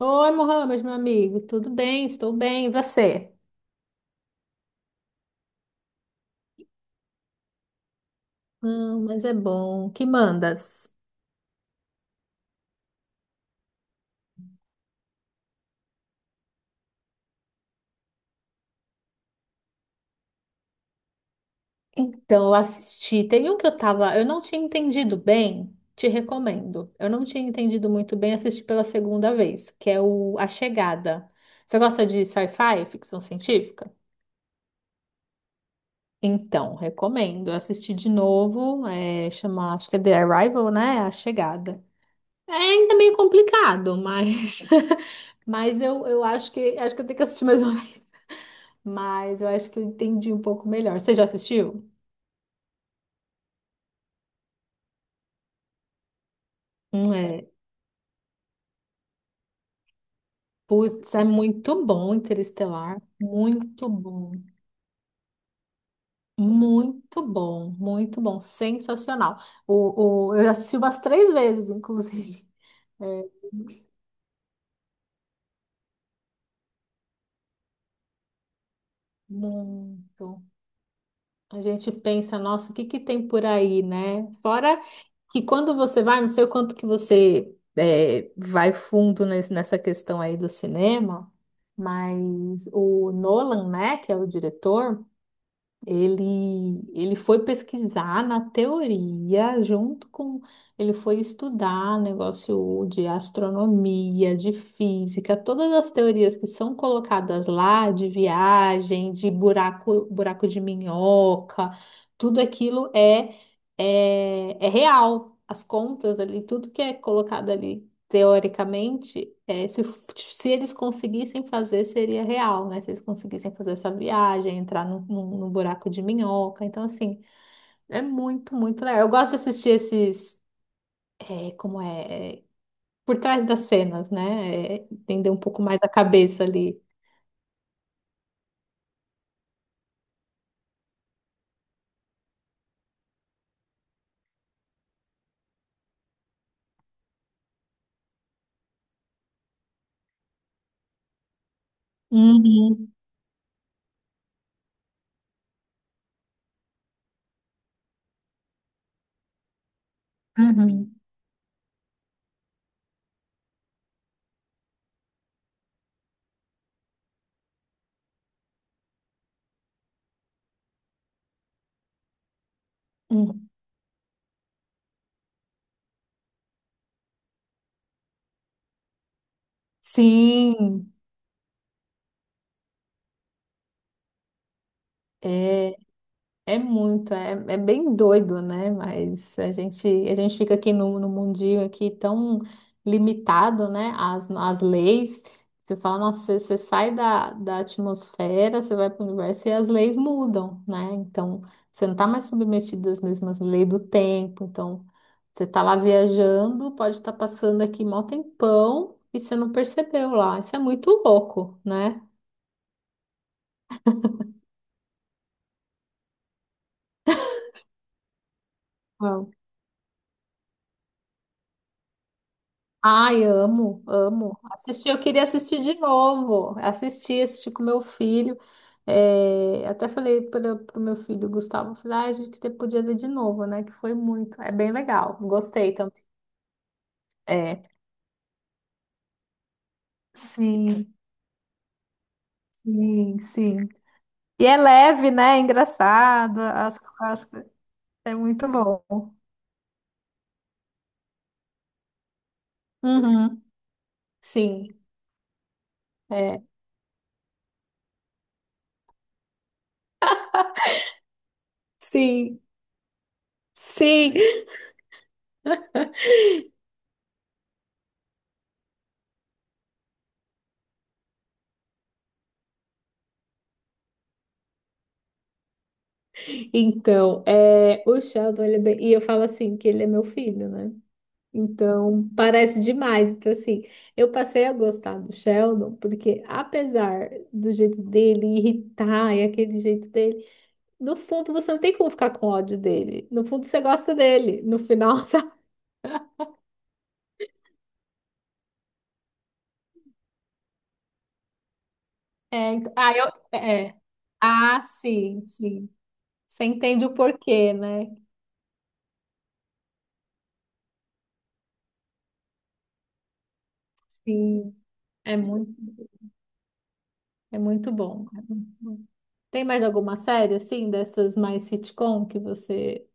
Oi, Mohamed, meu amigo, tudo bem? Estou bem, e você? Ah, mas é bom. Que mandas? Então, eu assisti. Tem um que eu tava, eu não tinha entendido bem, te recomendo. Eu não tinha entendido muito bem, assisti pela segunda vez, que é o A Chegada. Você gosta de sci-fi, ficção científica? Então, recomendo. Eu assisti de novo, é, chama, acho que é The Arrival, né? A Chegada. É ainda meio complicado, mas mas eu acho que eu tenho que assistir mais uma mas eu acho que eu entendi um pouco melhor. Você já assistiu? É. Putz, é muito bom Interestelar. Muito bom. Muito bom. Muito bom. Sensacional. Eu assisti umas três vezes, inclusive. É, muito. A gente pensa, nossa, o que que tem por aí, né? Fora que quando você vai, não sei o quanto que vai fundo nessa questão aí do cinema, mas o Nolan, né, que é o diretor. Ele foi pesquisar na teoria, junto com. Ele foi estudar negócio de astronomia, de física, todas as teorias que são colocadas lá, de viagem, de buraco, buraco de minhoca, tudo aquilo é real. As contas ali, tudo que é colocado ali teoricamente, se eles conseguissem fazer, seria real, né? Se eles conseguissem fazer essa viagem, entrar num buraco de minhoca. Então, assim, é muito, muito legal. Eu gosto de assistir esses, é, como é, é, por trás das cenas, né? É, entender um pouco mais a cabeça ali. Uhum, uhum, uhum. Sim, é. É muito, é bem doido, né? Mas a gente fica aqui no mundinho aqui tão limitado, né? As leis. Você fala, nossa, você sai da atmosfera, você vai para o universo e as leis mudam, né? Então, você não está mais submetido às mesmas leis do tempo. Então, você está lá viajando, pode estar passando aqui mó tempão e você não percebeu lá. Isso é muito louco, né? Ai, amo, amo. Assisti, eu queria assistir de novo. Assisti, assisti com meu filho. É, até falei para o meu filho Gustavo, falei, ai, a gente que podia ver de novo, né? Que foi muito. É bem legal. Gostei também. É. Sim, sim, sim. E é leve, né? É engraçado. As- é muito bom. Uhum, sim, é. Sim, sim. Então, é, o Sheldon, ele é bem- e eu falo assim que ele é meu filho, né? Então, parece demais. Então, assim, eu passei a gostar do Sheldon, porque apesar do jeito dele irritar e aquele jeito dele, no fundo você não tem como ficar com ódio dele. No fundo você gosta dele. No final, sabe? É, então- ah, eu, é. Ah, sim, sim. Você entende o porquê, né? Sim, é muito, é muito bom. É muito bom. Tem mais alguma série, assim, dessas mais sitcom que você...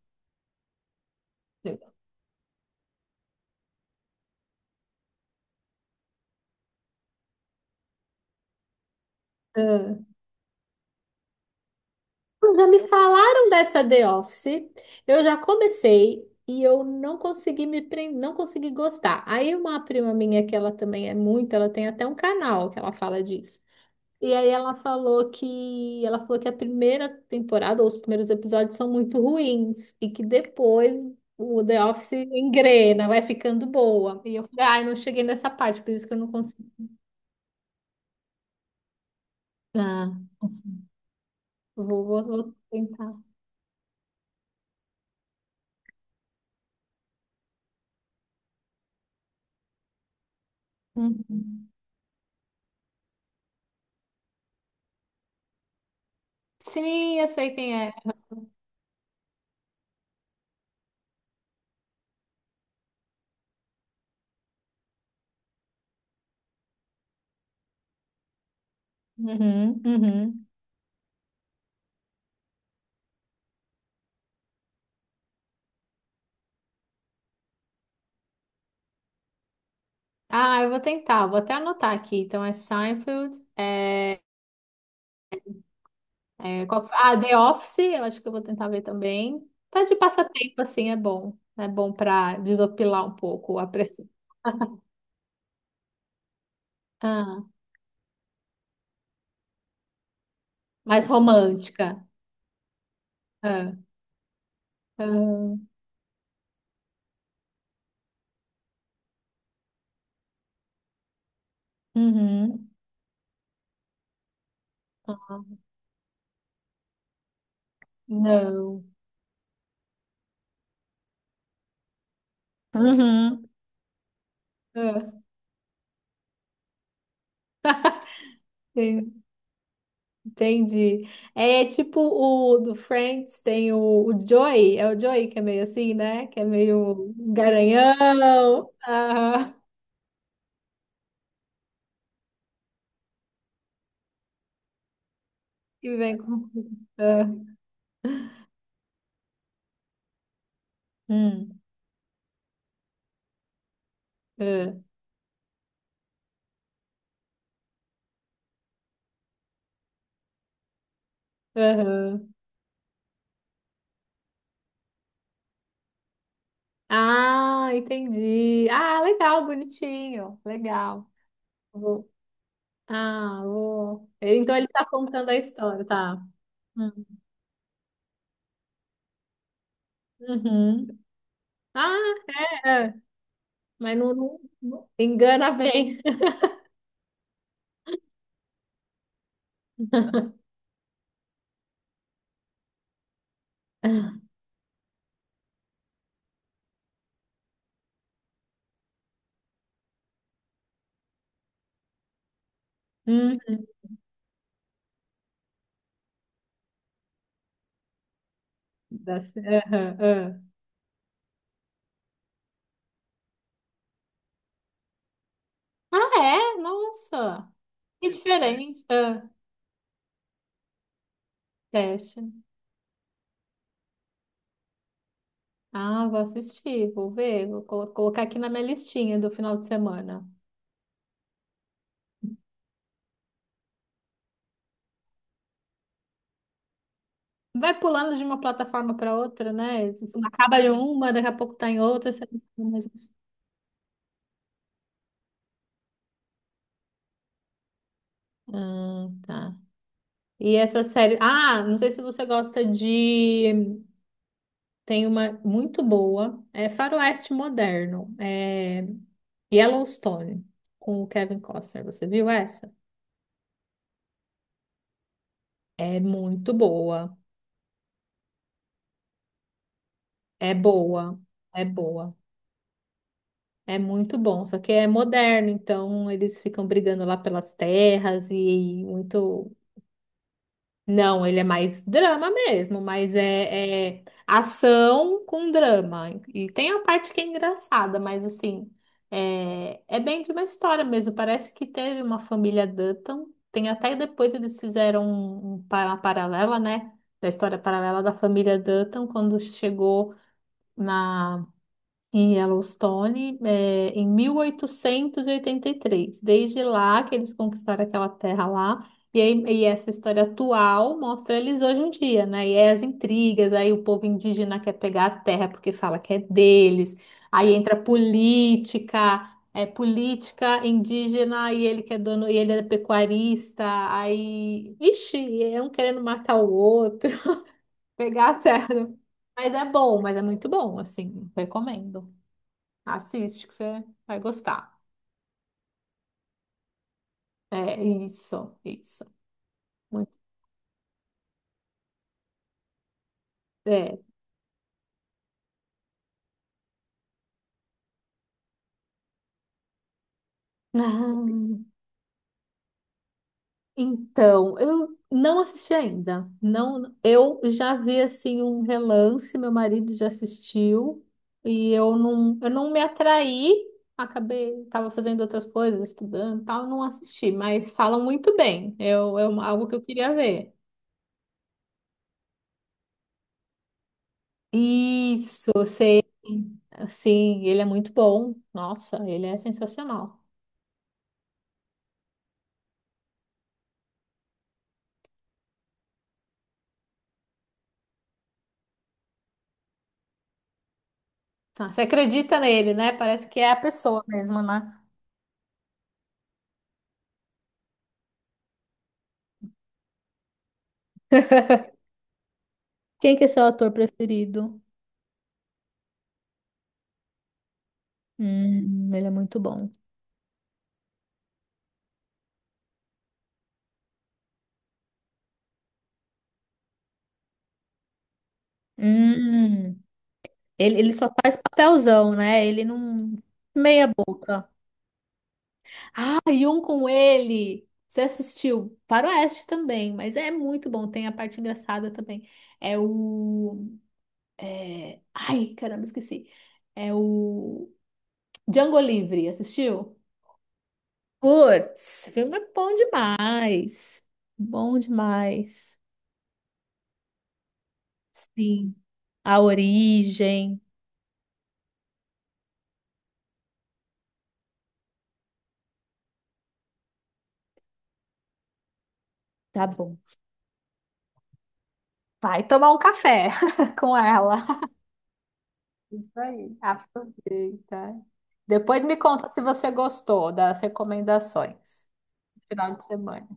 Ah. Já me falaram dessa The Office, eu já comecei e eu não consegui me prender, não consegui gostar. Aí uma prima minha, que ela também é muito, ela tem até um canal que ela fala disso. E aí ela falou que a primeira temporada ou os primeiros episódios são muito ruins e que depois o The Office engrena, vai ficando boa. E eu falei, ai, não cheguei nessa parte, por isso que eu não consigo. Ah, assim, vou tentar. Uhum. Sim, eu sei quem é. Uhum, uhum. Ah, eu vou tentar, vou até anotar aqui. Então é Seinfeld, é, é, qual que foi? Ah, The Office, eu acho que eu vou tentar ver também. Tá de passatempo, assim, é bom. É bom para desopilar um pouco a pressão. Ah, mais romântica. Ah, ah, uhum. Ah, não. Uhum. Ah, entendi. É é tipo o do Friends, tem o Joey, é o Joey que é meio assim, né? Que é meio garanhão, aham, e vem com. Ah, hum, ah, aham. Ah, entendi. Ah, legal, bonitinho, legal. Vou- ah, vou. Então ele tá contando a história, tá? Hum. Uhum. Ah, é, é. Mas não, engana bem. Uhum. Da cer- aham, aham. Ah, é? Nossa! Que diferente. Ah, teste. Ah, vou assistir, vou ver, colocar aqui na minha listinha do final de semana. Vai pulando de uma plataforma para outra, né? Você acaba em uma, daqui a pouco tá em outra, você não sabe mais. Ah, tá. E essa série. Ah, não sei se você gosta de. Tem uma muito boa. É Faroeste Moderno. É Yellowstone, com o Kevin Costner. Você viu essa? É muito boa. É boa. É boa. É muito bom. Só que é moderno, então eles ficam brigando lá pelas terras e muito. Não, ele é mais drama mesmo, mas é ação com drama. E tem a parte que é engraçada, mas assim, é, é bem de uma história mesmo. Parece que teve uma família Dutton. Tem até depois eles fizeram uma paralela, né? Da história paralela da família Dutton, quando chegou na em Yellowstone, eh, em 1883. Desde lá que eles conquistaram aquela terra lá. E, aí- e essa história atual mostra eles hoje em dia, né? E aí as intrigas, aí o povo indígena quer pegar a terra porque fala que é deles. Aí entra política, é política indígena e ele que é dono, e ele é pecuarista. Aí, vixe, é um querendo matar o outro, pegar a terra. Mas é bom, mas é muito bom, assim, recomendo. Assiste que você vai gostar. É isso, isso. Muito, é. Ah, então, eu não assisti ainda. Não, eu já vi assim um relance, meu marido já assistiu e eu não me atraí. Acabei, estava fazendo outras coisas, estudando, e tal, não assisti, mas falam muito bem. Eu, é uma- algo que eu queria ver. Isso, sim, ele é muito bom. Nossa, ele é sensacional. Tá, você acredita nele, né? Parece que é a pessoa mesmo, né? Quem que é seu ator preferido? Ele é muito bom. Hum, ele só faz papelzão, né? Ele não... Meia boca. Ah, e um com ele! Você assistiu? Faroeste também, mas é muito bom. Tem a parte engraçada também. É o... é, ai, caramba, esqueci. É o... Django Livre, assistiu? Putz, filme é bom demais. Bom demais. Sim. A origem. Tá bom. Vai tomar um café com ela. Isso aí. Aproveita. Depois me conta se você gostou das recomendações. Final de semana.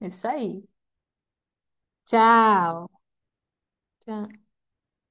Isso aí. Tchau. Tchau.